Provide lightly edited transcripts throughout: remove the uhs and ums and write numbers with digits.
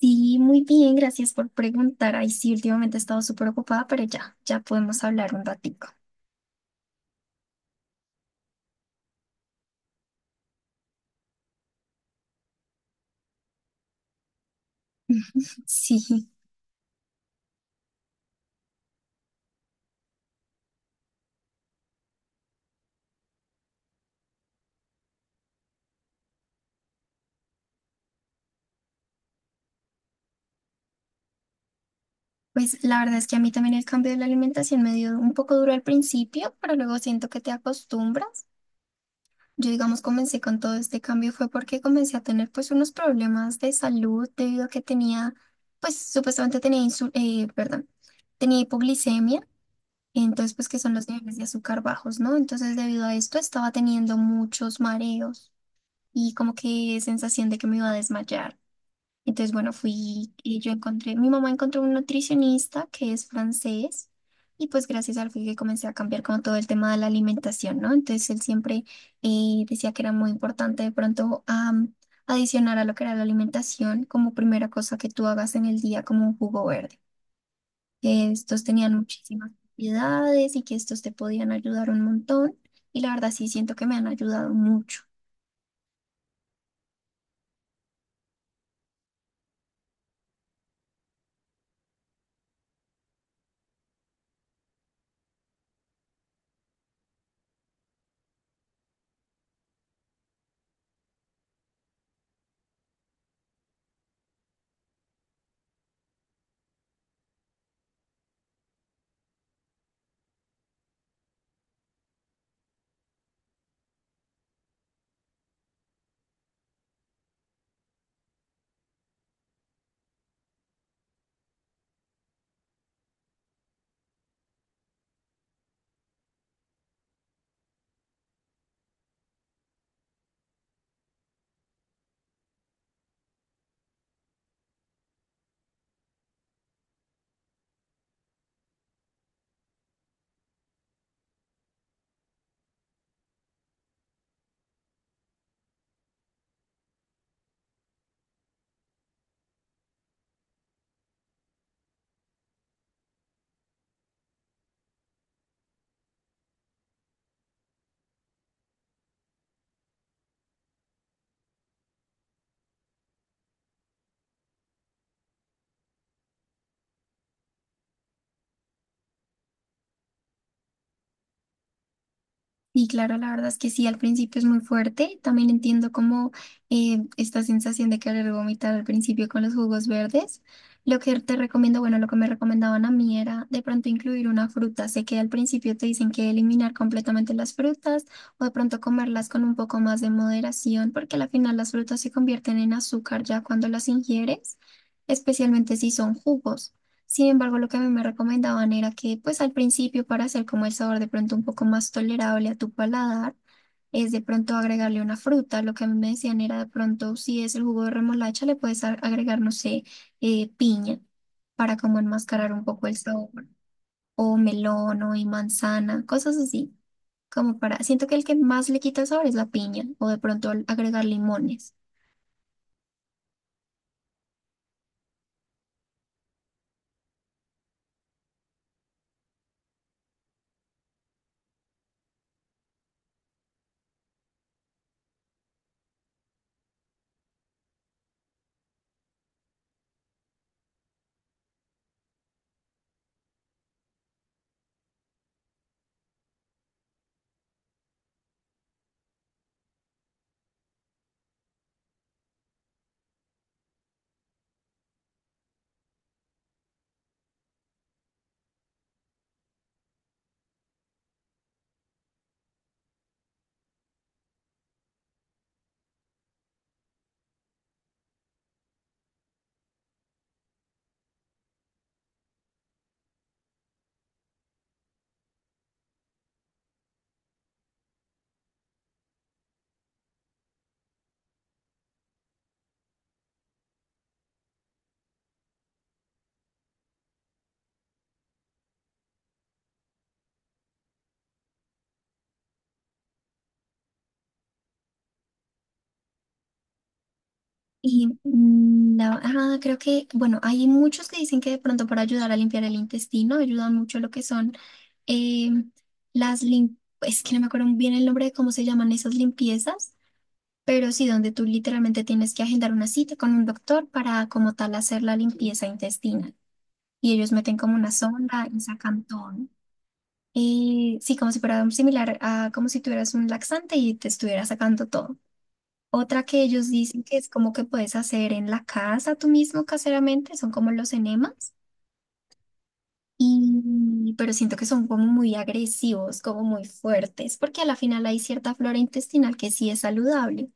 Sí, muy bien, gracias por preguntar. Ay, sí, últimamente he estado súper ocupada, pero ya, ya podemos hablar un ratico. Sí, pues la verdad es que a mí también el cambio de la alimentación me dio un poco duro al principio, pero luego siento que te acostumbras. Yo, digamos, comencé con todo este cambio fue porque comencé a tener pues unos problemas de salud debido a que tenía, pues supuestamente tenía insul perdón, tenía hipoglicemia. Entonces, pues que son los niveles de azúcar bajos, ¿no? Entonces, debido a esto, estaba teniendo muchos mareos y como que sensación de que me iba a desmayar. Entonces, bueno, fui y yo encontré, mi mamá encontró un nutricionista que es francés y pues gracias a él fue que comencé a cambiar como todo el tema de la alimentación, ¿no? Entonces él siempre decía que era muy importante de pronto adicionar a lo que era la alimentación como primera cosa que tú hagas en el día como un jugo verde, que estos tenían muchísimas propiedades y que estos te podían ayudar un montón, y la verdad sí siento que me han ayudado mucho. Y claro, la verdad es que sí, al principio es muy fuerte. También entiendo como esta sensación de querer vomitar al principio con los jugos verdes. Lo que te recomiendo, bueno, lo que me recomendaban a mí era de pronto incluir una fruta. Sé que al principio te dicen que eliminar completamente las frutas o de pronto comerlas con un poco más de moderación, porque al final las frutas se convierten en azúcar ya cuando las ingieres, especialmente si son jugos. Sin embargo, lo que a mí me recomendaban era que, pues al principio, para hacer como el sabor de pronto un poco más tolerable a tu paladar, es de pronto agregarle una fruta. Lo que a mí me decían era de pronto, si es el jugo de remolacha, le puedes agregar, no sé, piña para como enmascarar un poco el sabor, o melón o y manzana, cosas así. Como para, siento que el que más le quita el sabor es la piña, o de pronto al agregar limones. Y ajá, creo que, bueno, hay muchos que dicen que de pronto para ayudar a limpiar el intestino ayudan mucho lo que son eh, las lim- es que no me acuerdo bien el nombre de cómo se llaman esas limpiezas, pero sí donde tú literalmente tienes que agendar una cita con un doctor para como tal hacer la limpieza intestinal. Y ellos meten como una sonda y sacan todo, ¿no? Sí, como si fuera similar a como si tuvieras un laxante y te estuviera sacando todo. Otra que ellos dicen que es como que puedes hacer en la casa tú mismo caseramente, son como los enemas, pero siento que son como muy agresivos, como muy fuertes, porque a la final hay cierta flora intestinal que sí es saludable.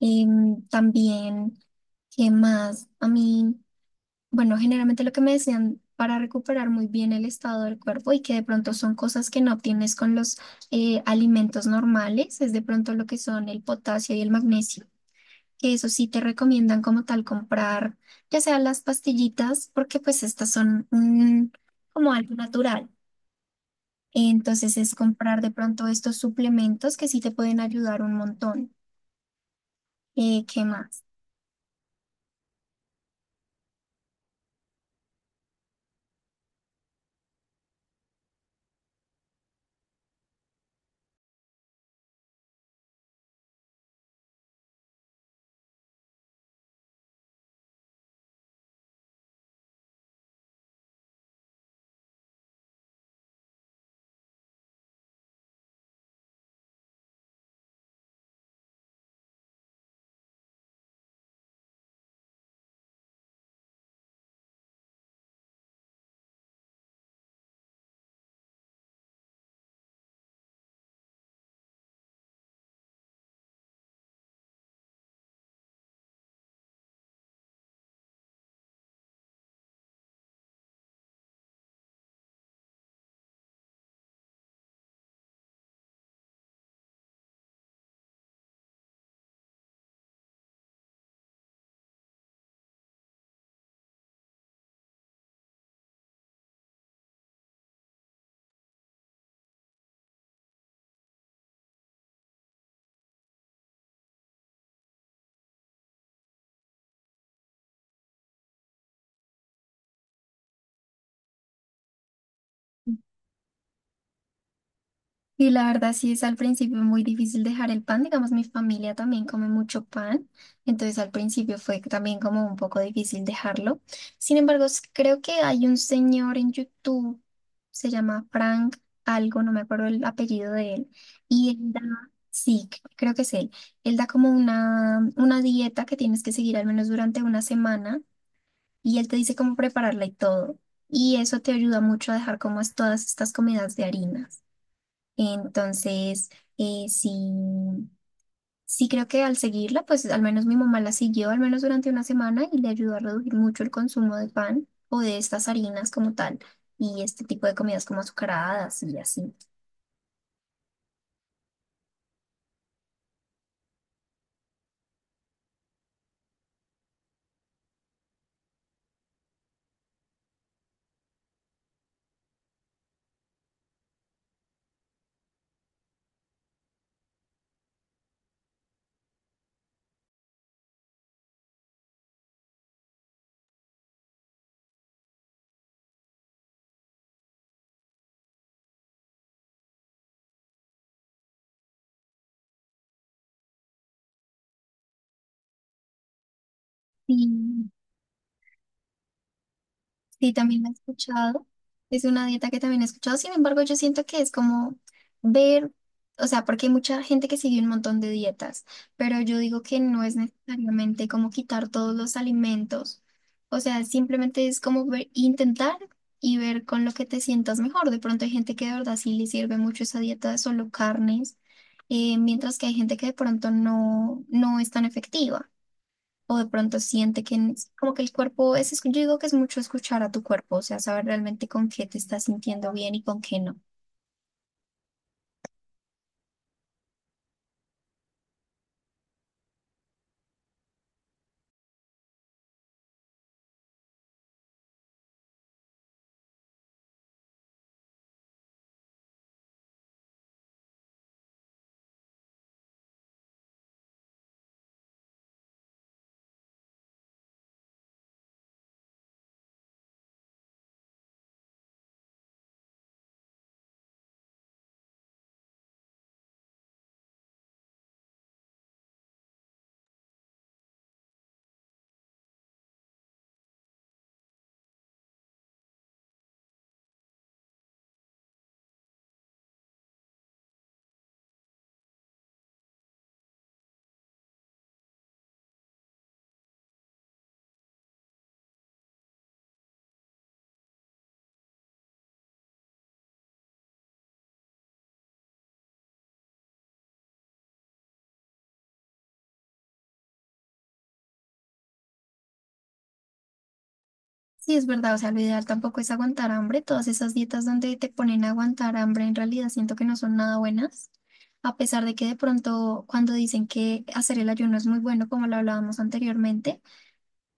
También, ¿qué más? A mí, bueno, generalmente lo que me decían para recuperar muy bien el estado del cuerpo y que de pronto son cosas que no obtienes con los alimentos normales, es de pronto lo que son el potasio y el magnesio, que eso sí te recomiendan como tal comprar, ya sea las pastillitas, porque pues estas son como algo natural. Entonces es comprar de pronto estos suplementos que sí te pueden ayudar un montón. ¿Qué más? Y la verdad sí es al principio muy difícil dejar el pan, digamos mi familia también come mucho pan, entonces al principio fue también como un poco difícil dejarlo. Sin embargo, creo que hay un señor en YouTube, se llama Frank algo, no me acuerdo el apellido de él, y él da, sí, creo que es él, él da como una, dieta que tienes que seguir al menos durante una semana y él te dice cómo prepararla y todo, y eso te ayuda mucho a dejar como es todas estas comidas de harinas. Entonces, sí, sí creo que al seguirla, pues al menos mi mamá la siguió, al menos durante una semana, y le ayudó a reducir mucho el consumo de pan o de estas harinas como tal, y este tipo de comidas como azucaradas y así. Sí. Sí, también la he escuchado. Es una dieta que también he escuchado. Sin embargo, yo siento que es como ver, o sea, porque hay mucha gente que sigue un montón de dietas, pero yo digo que no es necesariamente como quitar todos los alimentos. O sea, simplemente es como intentar y ver con lo que te sientas mejor. De pronto hay gente que de verdad sí le sirve mucho esa dieta de solo carnes, mientras que hay gente que de pronto no, no es tan efectiva o de pronto siente que como que el cuerpo yo digo que es mucho escuchar a tu cuerpo, o sea, saber realmente con qué te estás sintiendo bien y con qué no. Sí, es verdad, o sea, lo ideal tampoco es aguantar hambre, todas esas dietas donde te ponen a aguantar hambre en realidad siento que no son nada buenas, a pesar de que de pronto cuando dicen que hacer el ayuno es muy bueno, como lo hablábamos anteriormente.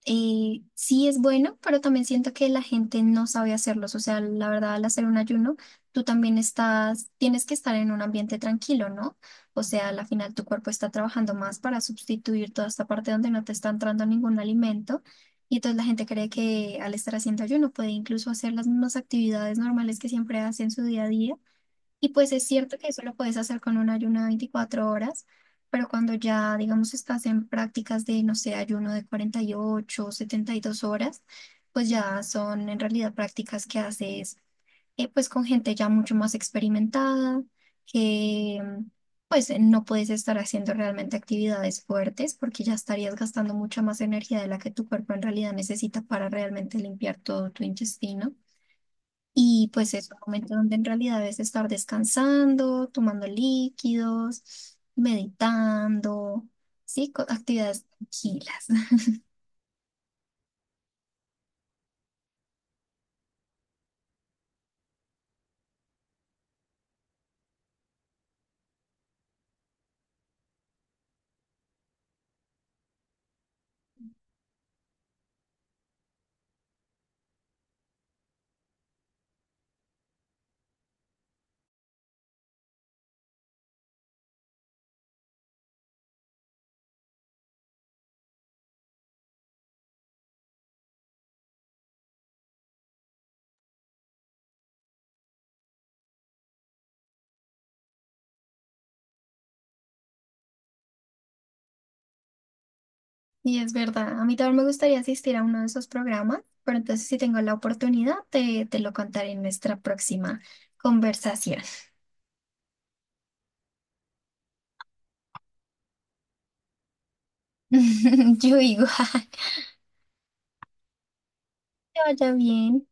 Sí es bueno, pero también siento que la gente no sabe hacerlos. O sea, la verdad, al hacer un ayuno, tú también tienes que estar en un ambiente tranquilo, ¿no? O sea, al final tu cuerpo está trabajando más para sustituir toda esta parte donde no te está entrando ningún alimento. Y entonces la gente cree que al estar haciendo ayuno puede incluso hacer las mismas actividades normales que siempre hace en su día a día, y pues es cierto que eso lo puedes hacer con un ayuno de 24 horas, pero cuando ya, digamos, estás en prácticas de, no sé, ayuno de 48 o 72 horas, pues ya son en realidad prácticas que haces, pues con gente ya mucho más experimentada, que pues no puedes estar haciendo realmente actividades fuertes porque ya estarías gastando mucha más energía de la que tu cuerpo en realidad necesita para realmente limpiar todo tu intestino. Y pues es un momento donde en realidad debes estar descansando, tomando líquidos, meditando, sí, actividades tranquilas. Y es verdad, a mí también me gustaría asistir a uno de esos programas, pero entonces si tengo la oportunidad te lo contaré en nuestra próxima conversación. Yo igual, que vaya bien.